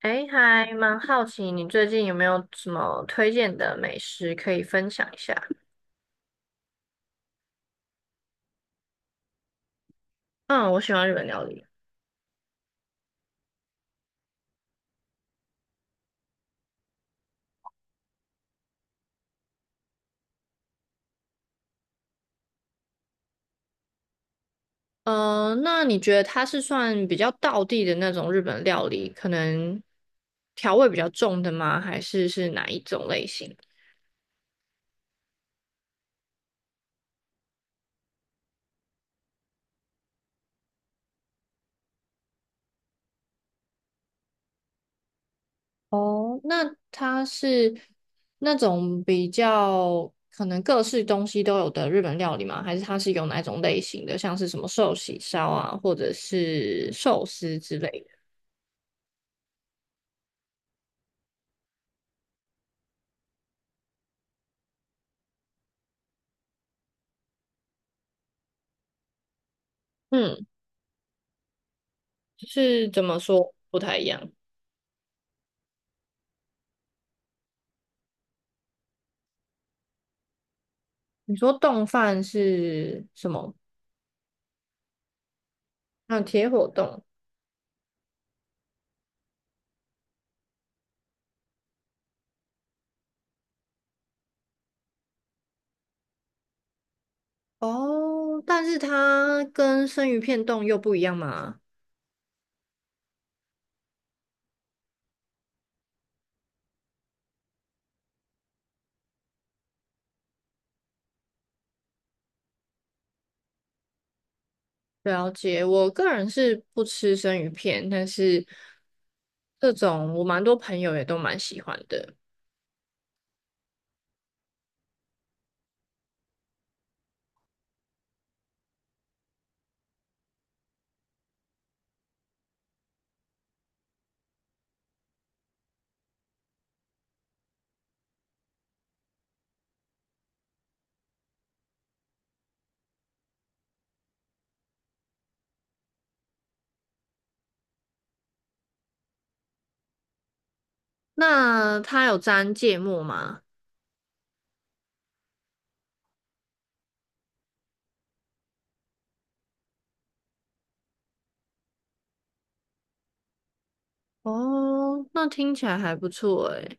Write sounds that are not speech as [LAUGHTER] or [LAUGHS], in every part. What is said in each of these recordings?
哎，还蛮好奇你最近有没有什么推荐的美食可以分享一下？嗯，我喜欢日本料理。嗯，那你觉得它是算比较道地的那种日本料理，可能调味比较重的吗？还是是哪一种类型？哦，那它是那种比较可能各式东西都有的日本料理吗？还是它是有哪一种类型的，像是什么寿喜烧啊，或者是寿司之类的？嗯。就是怎么说不太一样？你说冻饭是什么？嗯，铁火冻，哦，但是它跟生鱼片冻又不一样嘛？了解。我个人是不吃生鱼片，但是这种我蛮多朋友也都蛮喜欢的。那它有沾芥末吗？哦，那听起来还不错诶。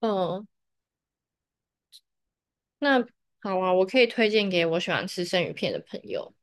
哦，那好啊，我可以推荐给我喜欢吃生鱼片的朋友。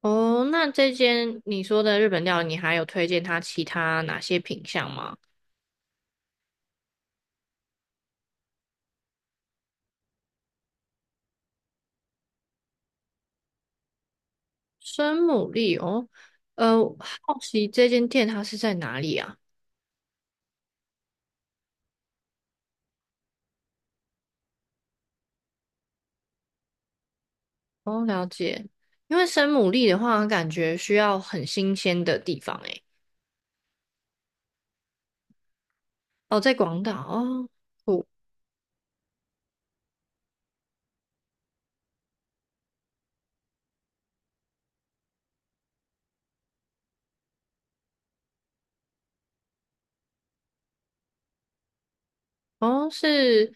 哦，那这间你说的日本料理，你还有推荐它其他哪些品相吗？生牡蛎哦，呃，好奇这间店它是在哪里啊？哦，了解。因为生牡蛎的话，感觉需要很新鲜的地方诶。哦，在广岛哦，不，哦，是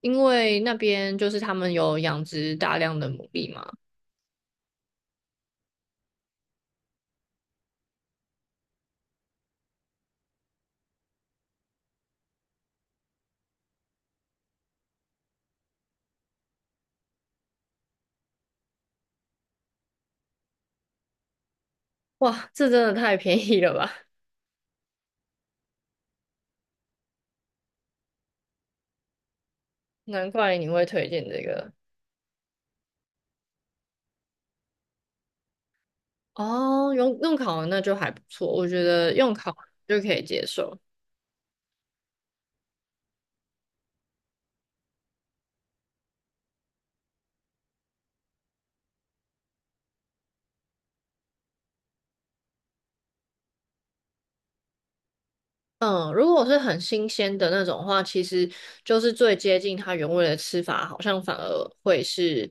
因为那边就是他们有养殖大量的牡蛎吗？哇，这真的太便宜了吧！难怪你会推荐这个。哦，用烤的那就还不错，我觉得用烤就可以接受。嗯，如果是很新鲜的那种话，其实就是最接近它原味的吃法，好像反而会是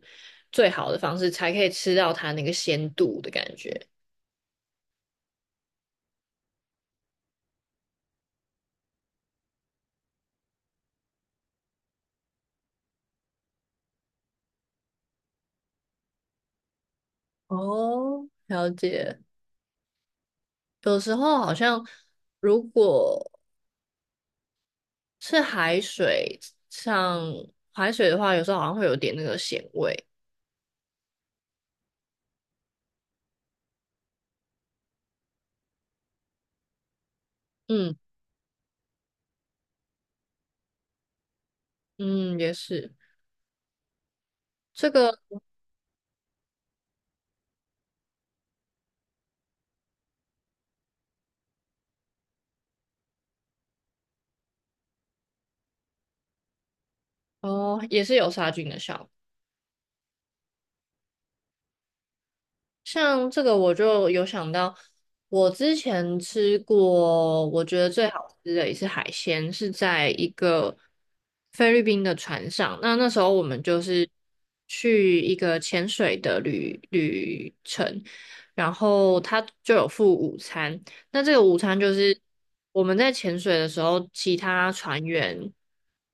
最好的方式，才可以吃到它那个鲜度的感觉。哦，了解。有时候好像如果是海水，像海水的话，有时候好像会有点那个咸味。嗯嗯，也是这个哦，也是有杀菌的效果。像这个我就有想到，我之前吃过，我觉得最好吃的一次海鲜是在一个菲律宾的船上。那那时候我们就是去一个潜水的旅程，然后他就有附午餐。那这个午餐就是我们在潜水的时候，其他船员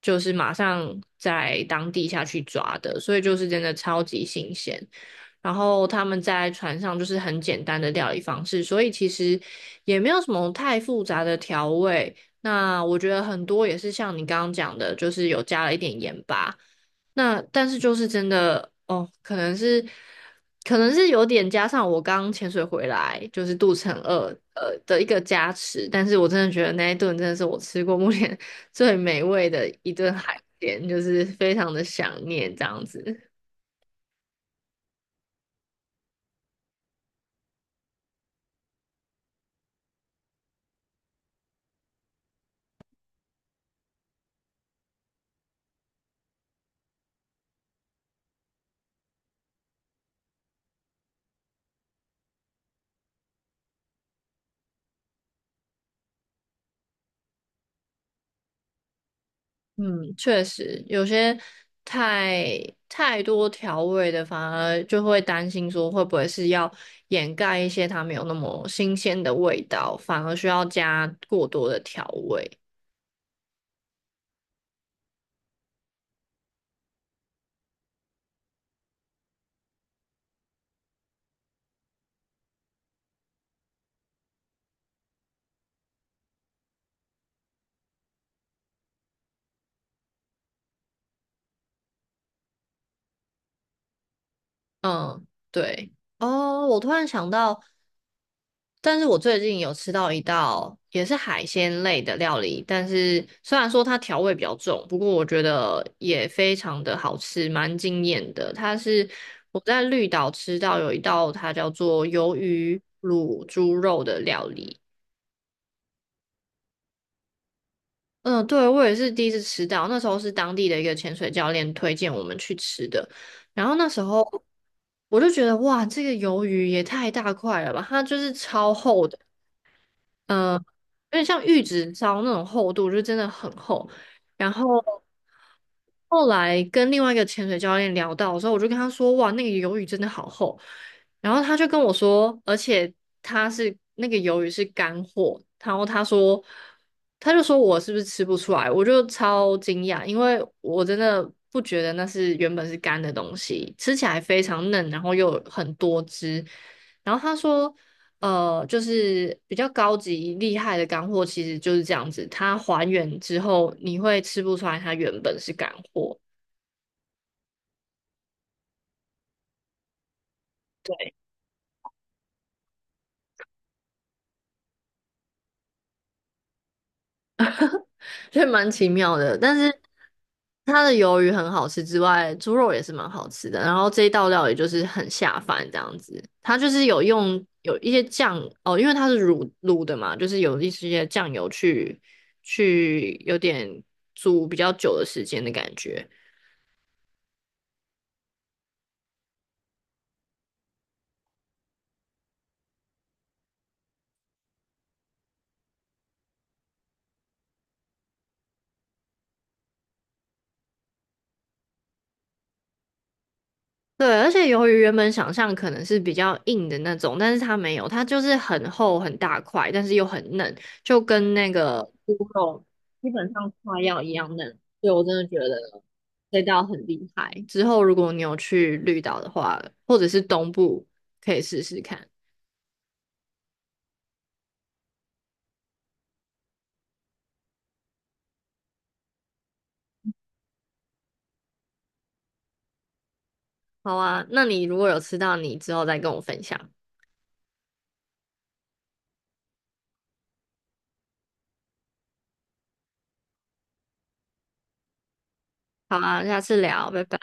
就是马上在当地下去抓的，所以就是真的超级新鲜。然后他们在船上就是很简单的料理方式，所以其实也没有什么太复杂的调味。那我觉得很多也是像你刚刚讲的，就是有加了一点盐巴。那但是就是真的哦，可能是有点加上我刚潜水回来，就是肚子很饿的一个加持。但是我真的觉得那一顿真的是我吃过目前 [LAUGHS] 最美味的一顿海鲜，就是非常的想念这样子。嗯，确实，有些太太多调味的，反而就会担心说会不会是要掩盖一些它没有那么新鲜的味道，反而需要加过多的调味。嗯，对。哦，我突然想到，但是我最近有吃到一道也是海鲜类的料理，但是虽然说它调味比较重，不过我觉得也非常的好吃，蛮惊艳的。它是我在绿岛吃到有一道它叫做鱿鱼卤猪肉的料理。嗯，对，我也是第一次吃到，那时候是当地的一个潜水教练推荐我们去吃的，然后那时候我就觉得哇，这个鱿鱼也太大块了吧，它就是超厚的。有点像玉子烧那种厚度，就真的很厚。然后后来跟另外一个潜水教练聊到的时候，我就跟他说：“哇，那个鱿鱼真的好厚。”然后他就跟我说，而且他是那个鱿鱼是干货，然后他说，他就说我是不是吃不出来？我就超惊讶，因为我真的不觉得那是原本是干的东西，吃起来非常嫩，然后又有很多汁。然后他说，就是比较高级厉害的干货，其实就是这样子，它还原之后，你会吃不出来它原本是干货，对，所以蛮奇妙的。但是它的鱿鱼很好吃之外，猪肉也是蛮好吃的。然后这一道料也就是很下饭这样子，它就是有用有一些酱哦，因为它是卤的嘛，就是有一些酱油去有点煮比较久的时间的感觉。对，而且由于原本想象可能是比较硬的那种，但是它没有，它就是很厚很大块，但是又很嫩，就跟那个猪肉基本上快要一样嫩。所以我真的觉得这道很厉害。之后如果你有去绿岛的话，或者是东部，可以试试看。好啊，那你如果有吃到，你之后再跟我分享。好啊，下次聊，拜拜。